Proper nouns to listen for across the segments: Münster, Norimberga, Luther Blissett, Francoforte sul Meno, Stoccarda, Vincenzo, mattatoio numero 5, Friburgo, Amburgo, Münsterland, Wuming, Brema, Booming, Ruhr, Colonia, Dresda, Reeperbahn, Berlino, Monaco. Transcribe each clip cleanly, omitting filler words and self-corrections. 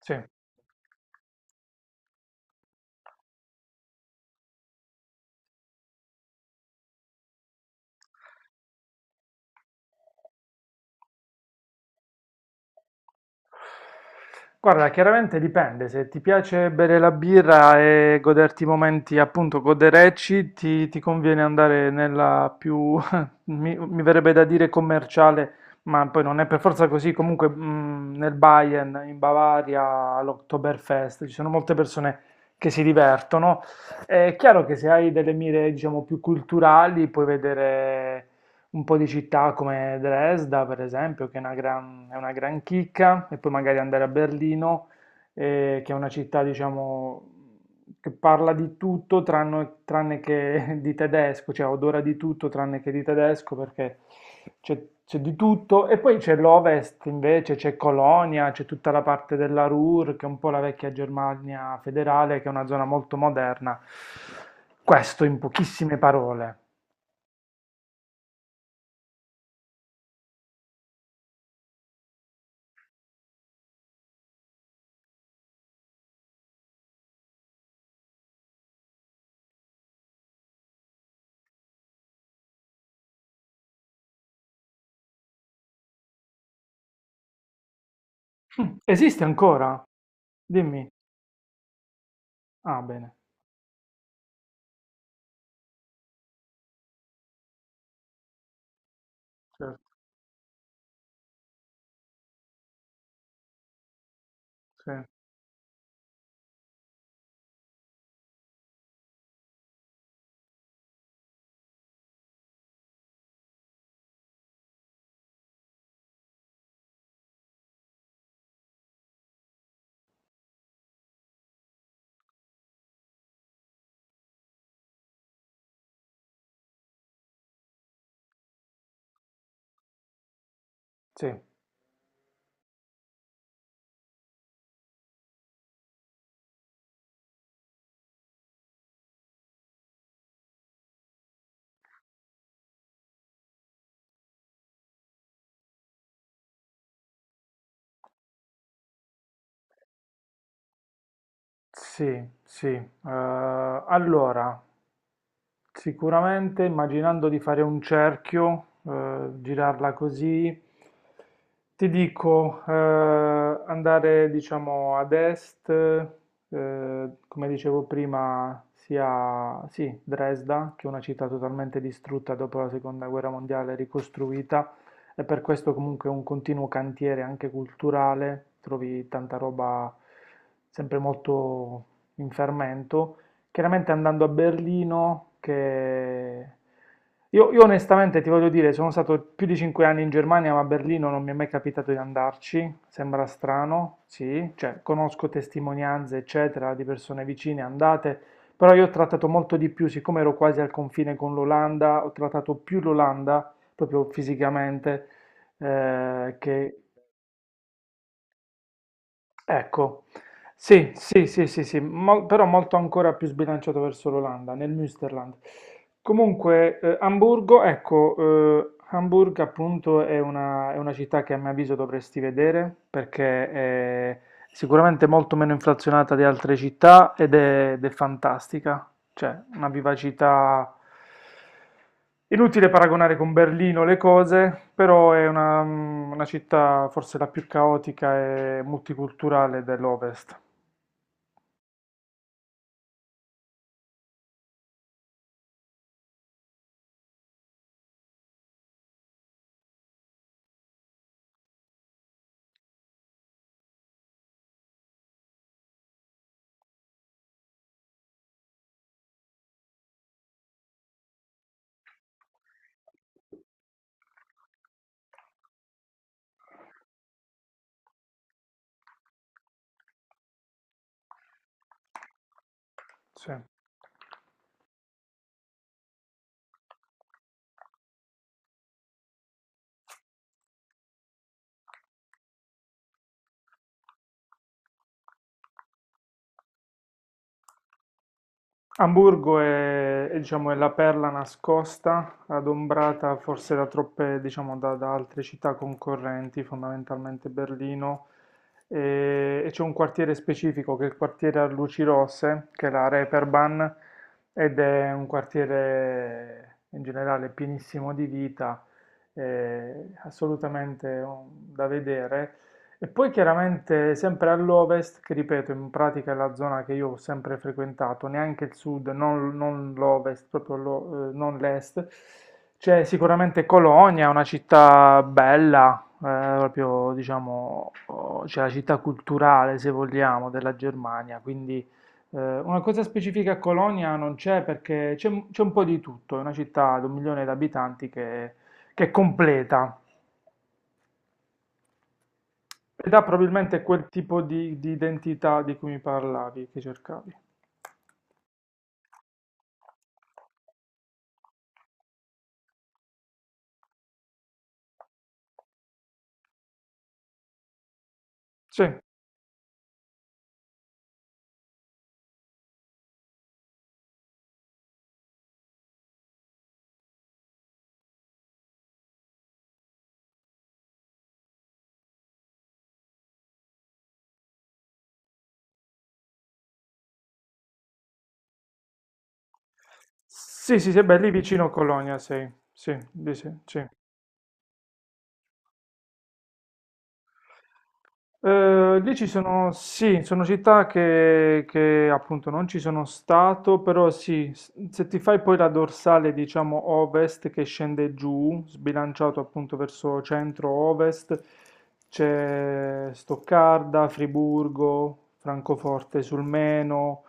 Sì. Guarda, chiaramente dipende, se ti piace bere la birra e goderti i momenti appunto goderecci, ti conviene andare nella più, mi verrebbe da dire commerciale, ma poi non è per forza così, comunque nel Bayern, in Bavaria, all'Oktoberfest, ci sono molte persone che si divertono. È chiaro che se hai delle mire, diciamo, più culturali, puoi vedere un po' di città come Dresda, per esempio, che è una gran chicca, e poi magari andare a Berlino, che è una città, diciamo, che parla di tutto tranne, tranne che di tedesco, cioè odora di tutto tranne che di tedesco, perché c'è c'è di tutto. E poi c'è l'Ovest, invece, c'è Colonia, c'è tutta la parte della Ruhr, che è un po' la vecchia Germania federale, che è una zona molto moderna. Questo in pochissime parole. Mm, esiste ancora? Dimmi. Ah, bene. Certo, sì. Sì, sì, sì. Allora, sicuramente immaginando di fare un cerchio, girarla così, ti dico andare diciamo ad est, come dicevo prima, sia sì, Dresda, che è una città totalmente distrutta dopo la seconda guerra mondiale, ricostruita, e per questo comunque è un continuo cantiere anche culturale, trovi tanta roba sempre molto in fermento. Chiaramente andando a Berlino, che... Io onestamente ti voglio dire, sono stato più di cinque anni in Germania, ma a Berlino non mi è mai capitato di andarci, sembra strano, sì, cioè conosco testimonianze, eccetera, di persone vicine andate, però io ho trattato molto di più, siccome ero quasi al confine con l'Olanda, ho trattato più l'Olanda, proprio fisicamente, che ecco, sì, sì, sì, sì, sì, però molto ancora più sbilanciato verso l'Olanda, nel Münsterland. Comunque, Amburgo, ecco, Hamburg appunto è è una città che a mio avviso dovresti vedere perché è sicuramente molto meno inflazionata di altre città ed è fantastica. Cioè, una vivacità inutile paragonare con Berlino le cose, però è una città forse la più caotica e multiculturale dell'Ovest. Sì. Amburgo diciamo, è la perla nascosta, adombrata forse da troppe, diciamo, da altre città concorrenti, fondamentalmente Berlino, e c'è un quartiere specifico che è il quartiere a luci rosse, che è la Reeperbahn, ed è un quartiere in generale pienissimo di vita, assolutamente da vedere. E poi chiaramente sempre all'ovest, che ripeto, in pratica è la zona che io ho sempre frequentato, neanche il sud, non l'ovest, proprio non l'est, c'è sicuramente Colonia, una città bella, proprio diciamo, oh, c'è la città culturale, se vogliamo, della Germania, quindi una cosa specifica a Colonia non c'è perché c'è un po' di tutto, è una città di un milione di abitanti che è completa. Ed ha probabilmente quel tipo di identità di cui mi parlavi, che cercavi. Sì, sì, sì, sì, beh, lì vicino Colonia sei. Sì, lì sì, sì. Lì ci sono, sì, sono città che appunto non ci sono stato, però sì, se ti fai poi la dorsale, diciamo, ovest che scende giù, sbilanciato appunto verso centro-ovest, c'è Stoccarda, Friburgo, Francoforte sul Meno,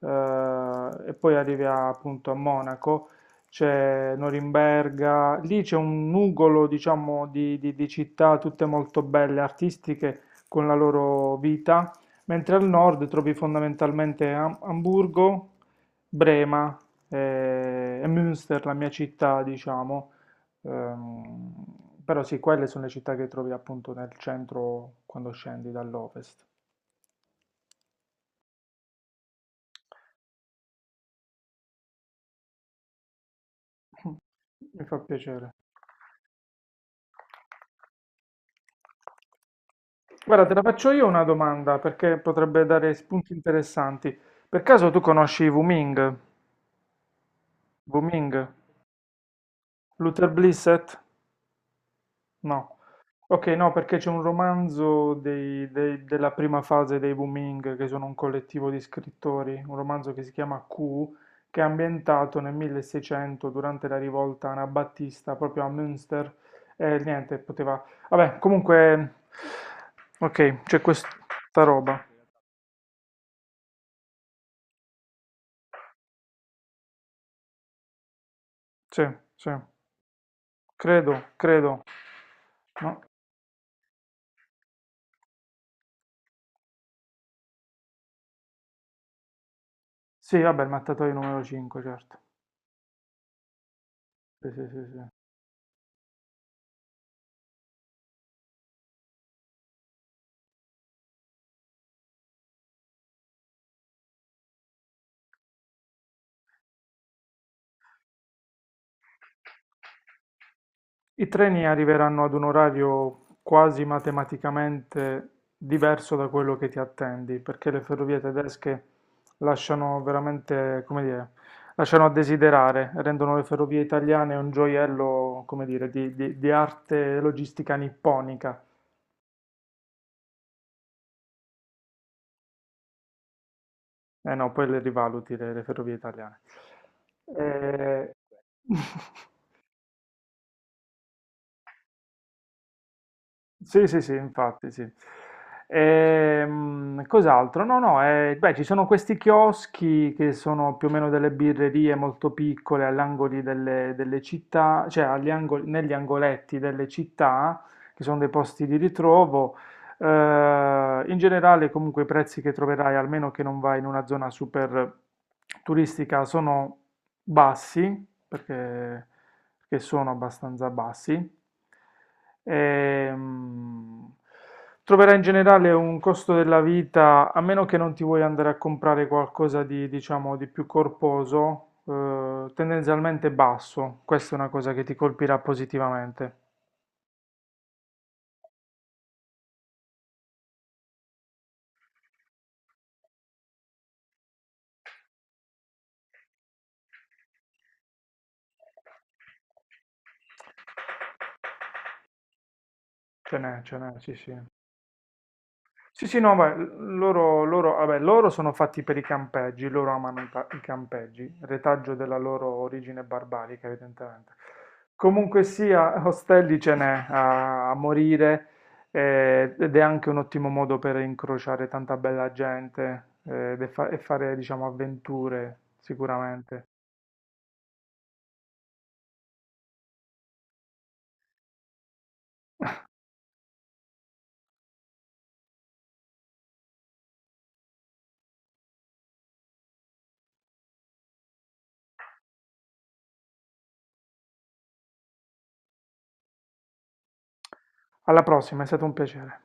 e poi appunto a Monaco, c'è Norimberga, lì c'è un nugolo, diciamo, di città tutte molto belle, artistiche con la loro vita, mentre al nord trovi fondamentalmente Amburgo, Brema e Münster, la mia città, diciamo. Ehm, Però sì, quelle sono le città che trovi appunto nel centro quando scendi dall'ovest. Mi fa piacere. Guarda, te la faccio io una domanda perché potrebbe dare spunti interessanti. Per caso tu conosci Wuming? Wuming? Luther Blissett? No, ok, no, perché c'è un romanzo della prima fase dei Booming, che sono un collettivo di scrittori, un romanzo che si chiama Q, che è ambientato nel 1600 durante la rivolta anabattista proprio a Münster. E niente, poteva... Vabbè, comunque... Ok, c'è questa roba. Sì, sì, credo, credo. No? Sì, vabbè, il mattatoio numero 5, certo. Sì, sì, sì, sì. I treni arriveranno ad un orario quasi matematicamente diverso da quello che ti attendi, perché le ferrovie tedesche lasciano veramente, come dire, lasciano a desiderare, rendono le ferrovie italiane un gioiello, come dire, di arte logistica nipponica. Eh no, poi le rivaluti le ferrovie italiane. Eh, sì, sì, sì, infatti, sì. Cos'altro? No, no, beh, ci sono questi chioschi che sono più o meno delle birrerie molto piccole all'angoli delle città, cioè negli angoletti delle città, che sono dei posti di ritrovo. In generale, comunque, i prezzi che troverai, almeno che non vai in una zona super turistica, sono bassi, perché sono abbastanza bassi. Ehm, troverai in generale un costo della vita, a meno che non ti vuoi andare a comprare qualcosa di, diciamo, di più corposo, tendenzialmente basso. Questa è una cosa che ti colpirà positivamente. Ce n'è, sì, sì. Sì, sì, no, beh, vabbè, loro sono fatti per i campeggi, loro amano i campeggi, retaggio della loro origine barbarica, evidentemente. Comunque sia, ostelli ce n'è a morire ed è anche un ottimo modo per incrociare tanta bella gente e e fare, diciamo, avventure, sicuramente. Alla prossima, è stato un piacere.